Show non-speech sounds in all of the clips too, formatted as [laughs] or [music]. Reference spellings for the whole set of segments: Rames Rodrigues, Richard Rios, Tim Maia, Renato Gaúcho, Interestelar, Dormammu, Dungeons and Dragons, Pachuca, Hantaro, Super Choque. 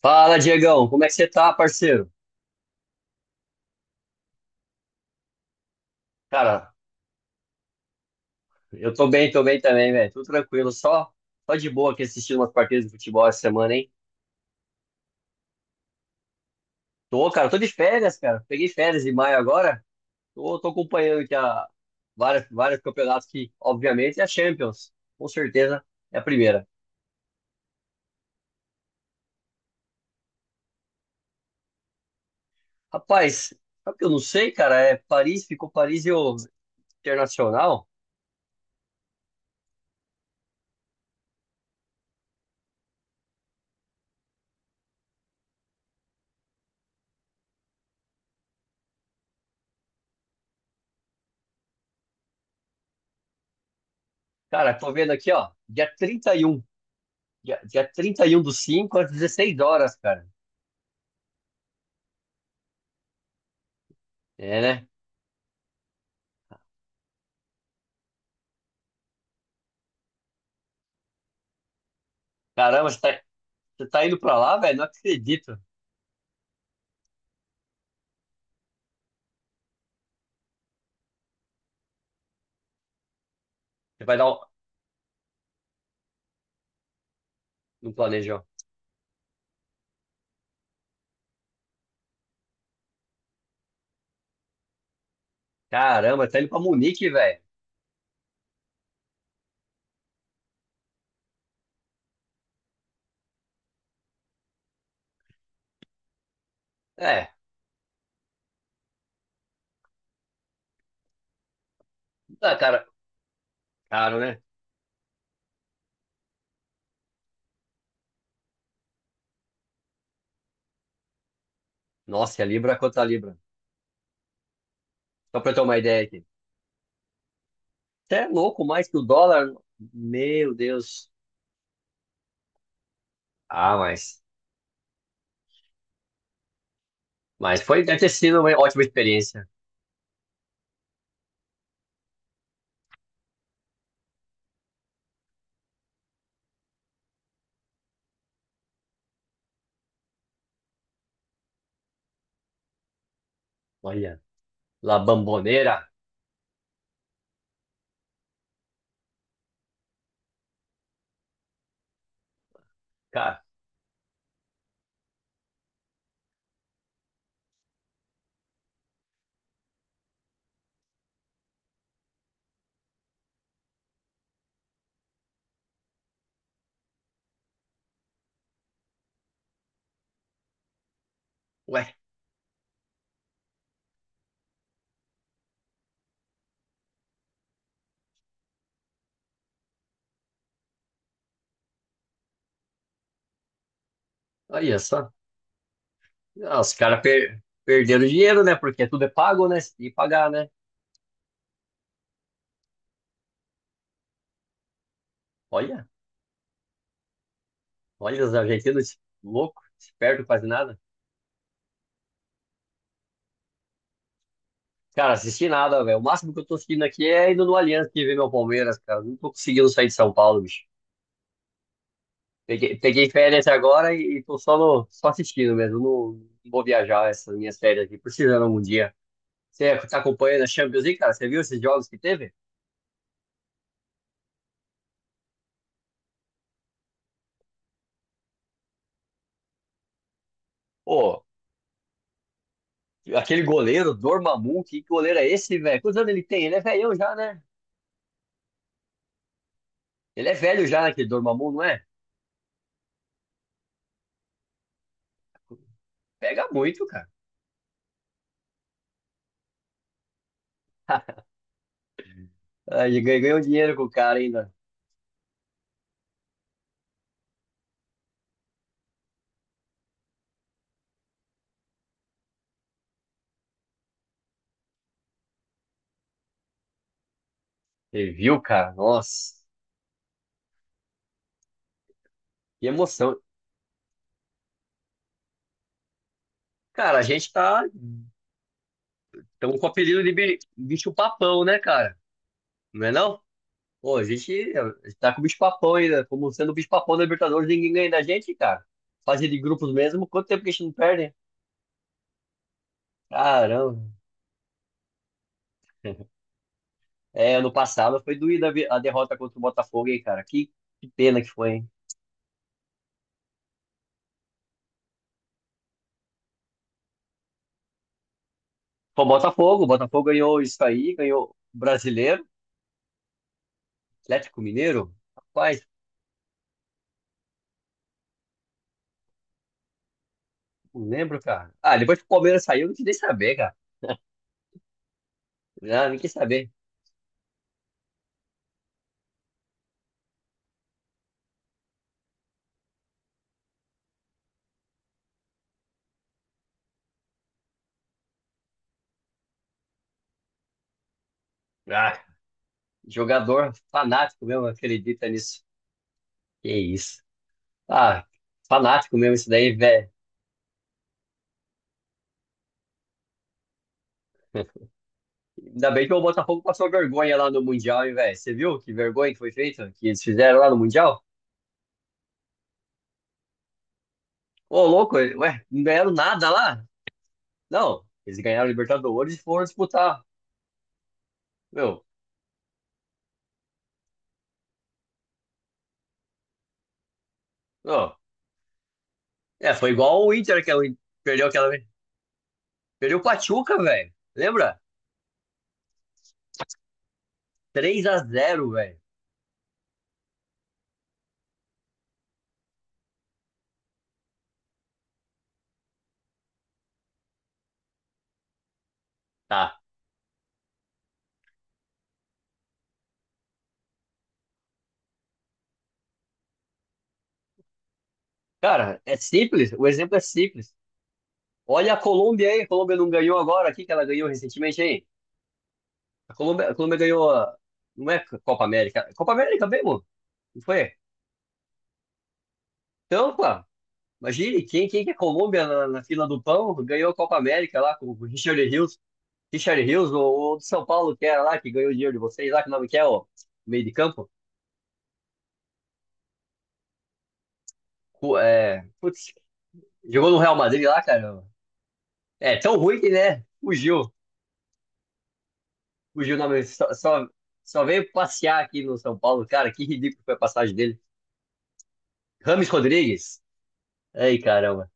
Fala, Diegão, como é que você tá, parceiro? Cara, eu tô bem também, velho. Tudo tranquilo, só de boa aqui assistindo umas partidas de futebol essa semana, hein? Tô, cara, tô de férias, cara. Peguei férias em maio agora. Tô acompanhando aqui vários campeonatos que, obviamente, é a Champions. Com certeza é a primeira. Rapaz, sabe o que eu não sei, cara? É Paris, ficou Paris e o Internacional. Cara, tô vendo aqui, ó, dia trinta e um, Dia, dia 31 do 5 às 16 horas, cara. É, né? Caramba, você tá indo pra lá, velho? Não acredito. Você vai dar um. Não planejou. Caramba, tá indo pra Munique, velho. É, tá cara, caro, né? Nossa, e a Libra quanto a Libra? Só pra eu ter uma ideia aqui. Você é louco mais que o dólar? Meu Deus. Ah, mas. Mas foi, deve ter sido uma ótima experiência. Olha, La Bamboneira. Cara, ué, olha só. Ah, os caras perderam dinheiro, né? Porque tudo é pago, né? E pagar, né? Olha, olha os argentinos, louco, esperto, quase nada. Cara, assisti nada, velho. O máximo que eu tô assistindo aqui é indo no Allianz que ver meu Palmeiras, cara. Não tô conseguindo sair de São Paulo, bicho. Peguei férias agora e tô só assistindo mesmo. Não, não vou viajar essas minhas férias aqui, precisando algum dia. Você tá acompanhando a Champions League, cara? Você viu esses jogos que teve? Pô, aquele goleiro, Dormammu, que goleiro é esse, velho? Quantos anos ele tem? Ele é velhão já, né? Ele é velho já, né, aquele Dormammu, não é? Pega muito, cara. Ah, ele ganhou dinheiro com o cara ainda. Você viu, cara? Nossa, que emoção. Cara, a gente tá Estamos com o apelido de bicho papão, né, cara? Não é não? Pô, a gente tá com o bicho papão ainda. Como sendo o bicho papão da Libertadores, ninguém ganha da gente, cara. Fase de grupos mesmo, quanto tempo que a gente não perde? Caramba. É, ano passado foi doída a derrota contra o Botafogo, hein, cara? Que pena que foi, hein? Pô, Botafogo, o Botafogo ganhou isso aí, ganhou o Brasileiro, Atlético Mineiro. Rapaz, não lembro, cara. Ah, depois que o Palmeiras saiu, eu não quis nem saber, cara. Ah, não quis saber. Ah, jogador fanático mesmo, acredita nisso. Que isso. Ah, fanático mesmo isso daí, velho. Ainda bem que o Botafogo passou vergonha lá no Mundial, hein, velho. Você viu que vergonha que foi feita? Que eles fizeram lá no Mundial? Ô, louco, ué, não ganharam nada lá? Não, eles ganharam o Libertadores e foram disputar. Meu, ó, é, foi igual o Inter que perdeu aquela vez. Perdeu o Pachuca, velho. Lembra? 3 a 0, velho. Tá. Cara, é simples, o exemplo é simples. Olha a Colômbia aí, a Colômbia não ganhou agora, aqui que ela ganhou recentemente aí? A Colômbia ganhou. Não é Copa América. Copa América mesmo? Não foi? Então, pô, imagine quem que é Colômbia na fila do pão ganhou a Copa América lá com o Richard Rios. Richard Rios, o do São Paulo, que era lá, que ganhou o dinheiro de vocês lá, que nome que é, o meio de campo. É, putz, jogou no Real Madrid lá, cara. É tão ruim que, né? Fugiu. Fugiu o nome. Só veio passear aqui no São Paulo, cara. Que ridículo foi a passagem dele. Rames Rodrigues. Ei, caramba.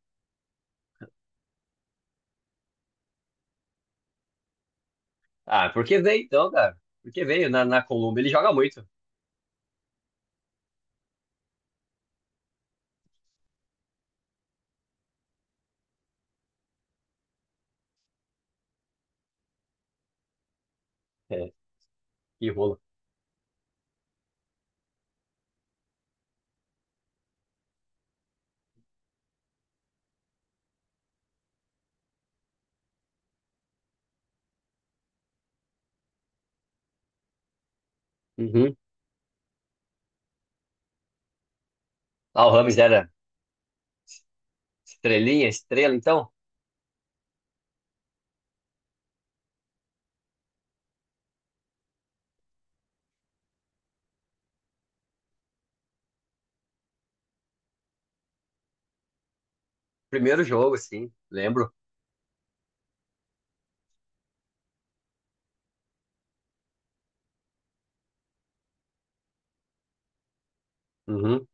Ah, porque veio então, cara. Porque veio na Colômbia, ele joga muito. É, que rola. Uhum. Ah, o Rames era estrelinha, estrela, então. Primeiro jogo, sim, lembro. Uhum.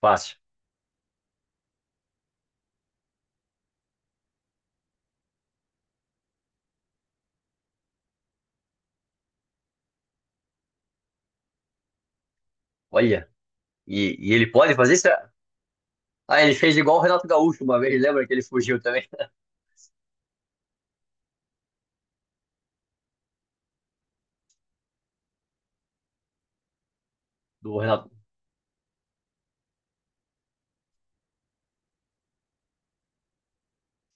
Fácil. Olha, e ele pode fazer isso? Ah, ele fez igual o Renato Gaúcho uma vez, lembra que ele fugiu também? [laughs] Do Renato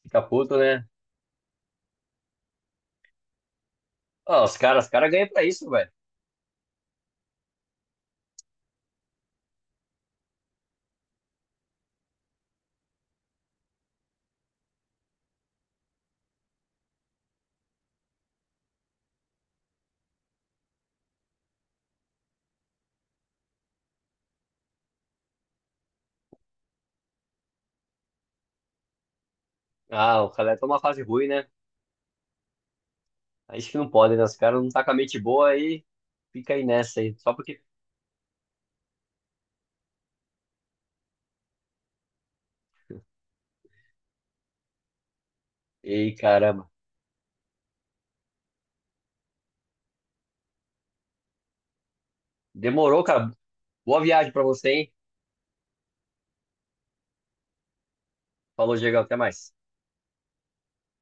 fica puto, né? Ah, os caras ganham pra isso, velho. Ah, o Calé tá numa fase ruim, né? Aí isso que não pode, né? Os caras não tá com a mente boa aí, fica aí nessa aí. Só porque. Ei, caramba. Demorou, cara. Boa viagem pra você, hein? Falou, Diego, até mais.